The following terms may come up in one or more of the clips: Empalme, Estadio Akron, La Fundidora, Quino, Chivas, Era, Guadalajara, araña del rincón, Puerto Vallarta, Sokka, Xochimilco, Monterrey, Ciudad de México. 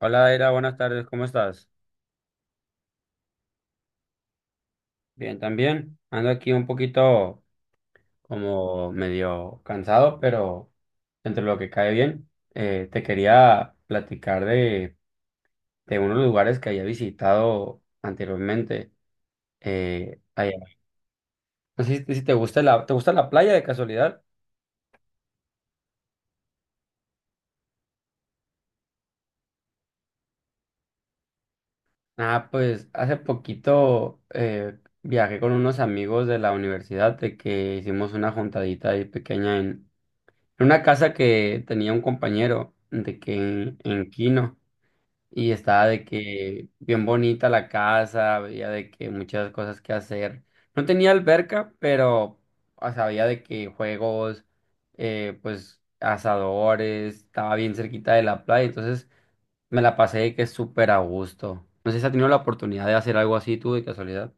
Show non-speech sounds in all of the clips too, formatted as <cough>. Hola, Era, buenas tardes, ¿cómo estás? Bien, también. Ando aquí un poquito como medio cansado, pero entre lo que cae bien, te quería platicar de unos lugares que había visitado anteriormente, allá. No sé si te gusta ¿te gusta la playa de casualidad? Ah, pues hace poquito viajé con unos amigos de la universidad de que hicimos una juntadita ahí pequeña. En una casa que tenía un compañero de que en Quino, y estaba de que bien bonita la casa, había de que muchas cosas que hacer. No tenía alberca, pero o sea, había de que juegos, pues asadores, estaba bien cerquita de la playa, entonces me la pasé de que súper a gusto. No sé si has tenido la oportunidad de hacer algo así tú de casualidad.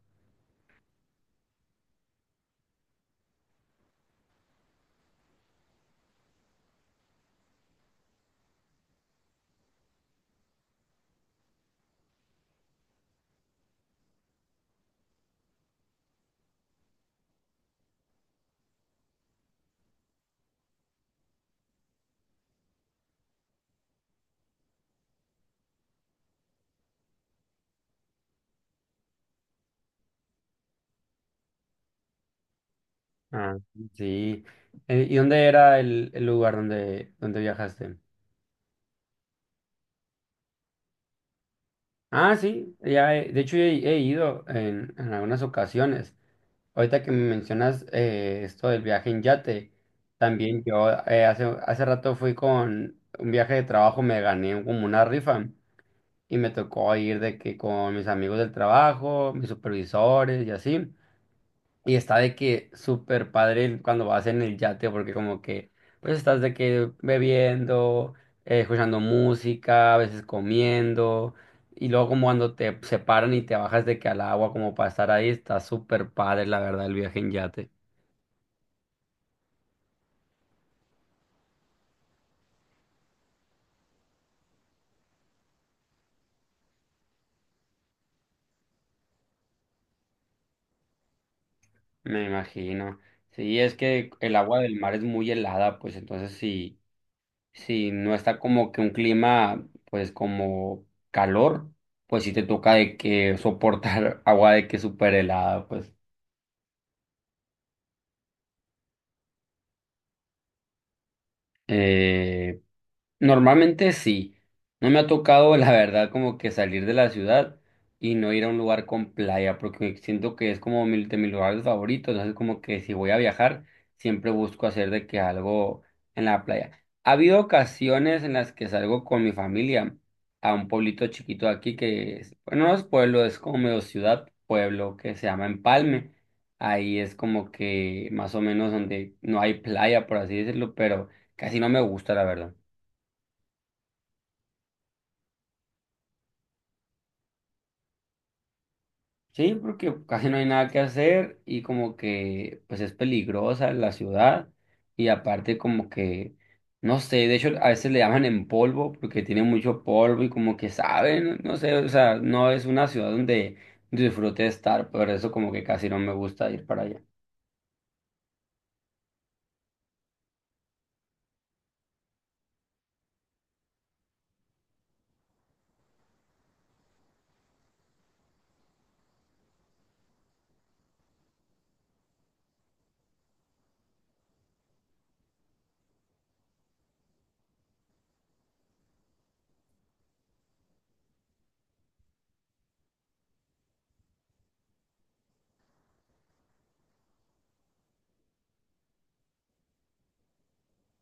Ah, sí. ¿Y dónde era el lugar donde viajaste? Ah, sí, ya he- de hecho he ido en algunas ocasiones. Ahorita que me mencionas esto del viaje en yate, también yo hace rato fui con un viaje de trabajo, me gané como una rifa y me tocó ir de que con mis amigos del trabajo, mis supervisores y así. Y está de que súper padre el- cuando vas en el yate, porque como que, pues estás de que bebiendo, escuchando música, a veces comiendo, y luego como cuando te separan y te bajas de que al agua como para estar ahí, está súper padre, la verdad, el viaje en yate. Me imagino. Sí, es que el agua del mar es muy helada, pues entonces si no está como que un clima, pues como calor, pues sí te toca de que soportar <laughs> agua de que súper helada, pues. eh, Normalmente sí. No me ha tocado, <laughs> la verdad, como que salir de la ciudad y no ir a un lugar con playa, porque siento que es como mi, de mis lugares favoritos. Entonces, como que si voy a viajar, siempre busco hacer de que algo en la playa. Ha habido ocasiones en las que salgo con mi familia a un pueblito chiquito de aquí que, es- bueno, no es pueblo, es como medio ciudad, pueblo que se llama Empalme. Ahí es como que más o menos donde no hay playa, por así decirlo, pero casi no me gusta, la verdad. Sí, porque casi no hay nada que hacer y como que pues es peligrosa la ciudad y aparte como que no sé, de hecho a veces le llaman en polvo porque tiene mucho polvo y como que saben, no sé, o sea, no es una ciudad donde disfrute estar, por eso como que casi no me gusta ir para allá.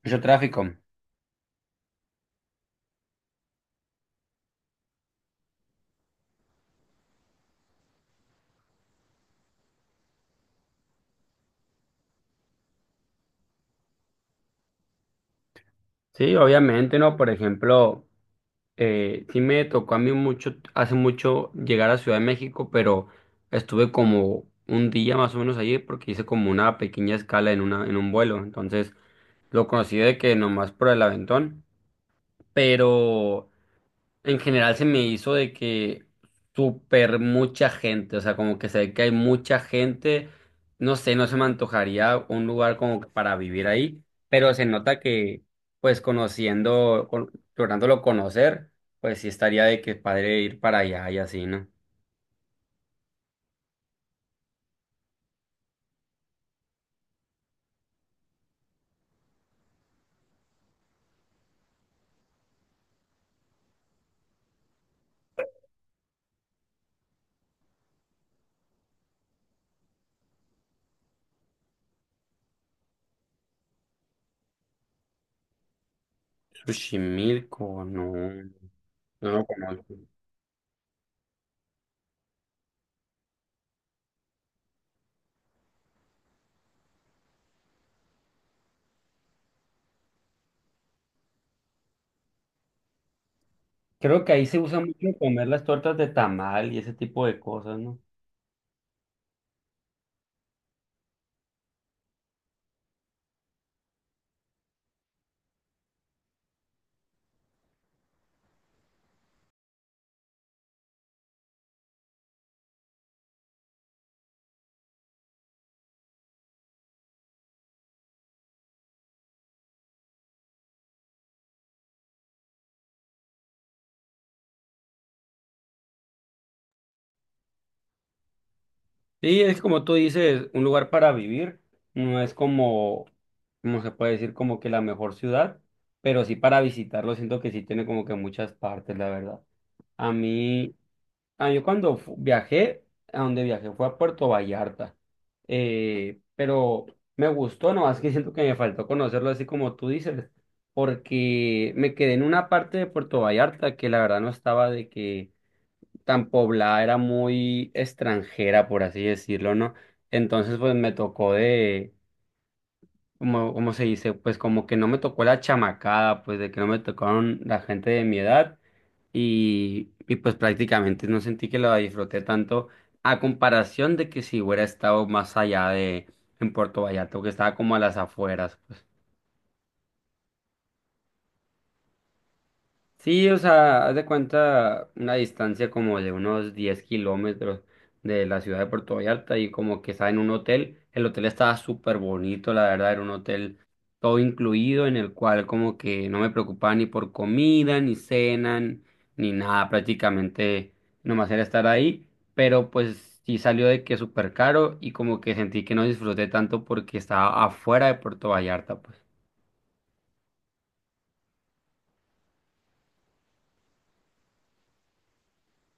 Mucho tráfico. Sí, obviamente, ¿no? Por ejemplo... sí me tocó a mí mucho, hace mucho llegar a Ciudad de México, pero estuve como un día más o menos allí porque hice como una pequeña escala en una, en un vuelo. Entonces lo conocí de que nomás por el aventón, pero en general se me hizo de que súper mucha gente, o sea, como que se ve que hay mucha gente, no sé, no se me antojaría un lugar como que para vivir ahí, pero se nota que, pues conociendo, con- lográndolo conocer, pues sí estaría de que padre ir para allá y así, ¿no? Xochimilco, no, no lo conozco. Creo que ahí se usa mucho comer las tortas de tamal y ese tipo de cosas, ¿no? Sí, es como tú dices, un lugar para vivir, no es como, como se puede decir, como que la mejor ciudad, pero sí para visitarlo, siento que sí tiene como que muchas partes, la verdad. A mí, a yo cuando fu- viajé, a donde viajé fue a Puerto Vallarta, pero me gustó, nomás que siento que me faltó conocerlo así como tú dices, porque me quedé en una parte de Puerto Vallarta que la verdad no estaba de que tan poblada, era muy extranjera, por así decirlo, ¿no? Entonces, pues me tocó de, como, como se dice, pues como que no me tocó la chamacada, pues de que no me tocaron la gente de mi edad y pues prácticamente no sentí que la disfruté tanto a comparación de que si hubiera estado más allá de, en Puerto Vallarta, que estaba como a las afueras, pues. Sí, o sea, haz de cuenta una distancia como de unos 10 kilómetros de la ciudad de Puerto Vallarta y como que estaba en un hotel. El hotel estaba súper bonito, la verdad, era un hotel todo incluido en el cual como que no me preocupaba ni por comida, ni cena, n- ni nada, prácticamente nomás era estar ahí, pero pues sí salió de que súper caro y como que sentí que no disfruté tanto porque estaba afuera de Puerto Vallarta, pues.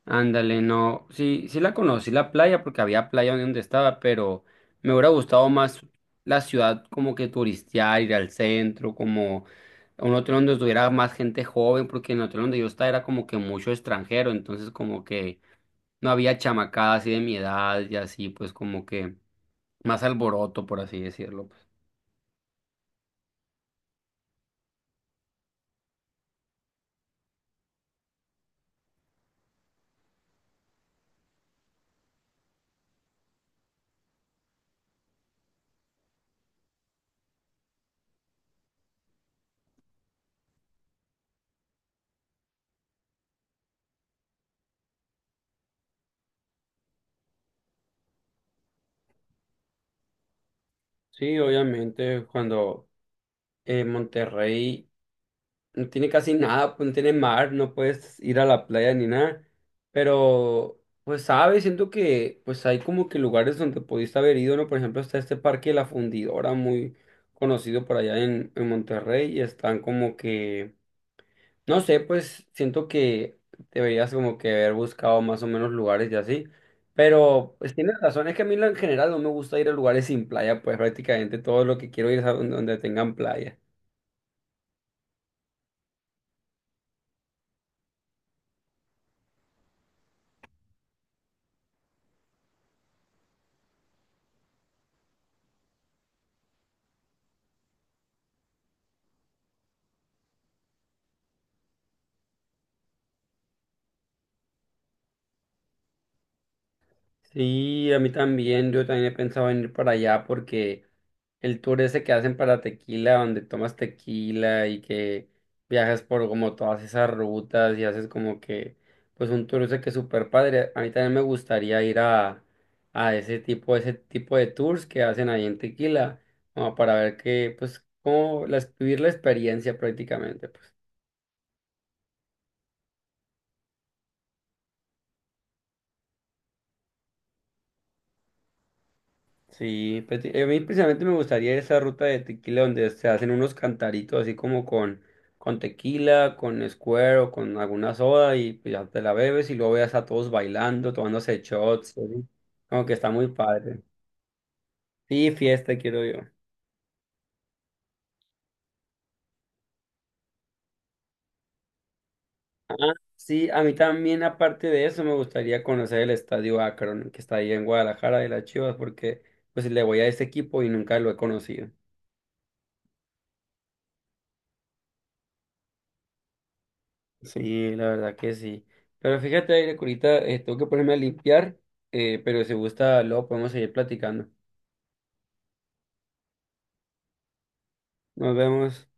Ándale, no, sí, la conocí la playa porque había playa donde estaba, pero me hubiera gustado más la ciudad como que turistear, ir al centro, como a un hotel donde estuviera más gente joven, porque en el hotel donde yo estaba era como que mucho extranjero, entonces como que no había chamacadas así de mi edad y así, pues como que más alboroto, por así decirlo, pues. Sí, obviamente, cuando Monterrey no tiene casi nada, pues no tiene mar, no puedes ir a la playa ni nada. Pero, pues sabes, siento que pues hay como que lugares donde pudiste haber ido, ¿no? Por ejemplo, está este parque La Fundidora, muy conocido por allá en Monterrey, y están como que, no sé, pues siento que deberías como que haber buscado más o menos lugares y así. Pero, pues tienes razón, es que a mí en general no me gusta ir a lugares sin playa, pues prácticamente todo lo que quiero ir es a donde tengan playa. Sí, a mí también, yo también he pensado en ir para allá porque el tour ese que hacen para tequila, donde tomas tequila y que viajas por como todas esas rutas y haces como que, pues un tour ese que es súper padre. A mí también me gustaría ir a ese tipo de tours que hacen ahí en tequila, como para ver que, pues, como la- vivir la experiencia prácticamente, pues. Sí, pues, sí, a mí precisamente me gustaría esa ruta de tequila donde se hacen unos cantaritos así como con tequila, con Square o con alguna soda y pues, ya te la bebes y luego veas a todos bailando, tomándose shots, ¿sí? Como que está muy padre. Sí, fiesta quiero yo. Ah, sí, a mí también aparte de eso me gustaría conocer el Estadio Akron que está ahí en Guadalajara de las Chivas porque pues le voy a ese equipo y nunca lo he conocido. Sí, la verdad que sí. Pero fíjate, Aire, que ahorita tengo que ponerme a limpiar, pero si gusta, luego podemos seguir platicando. Nos vemos.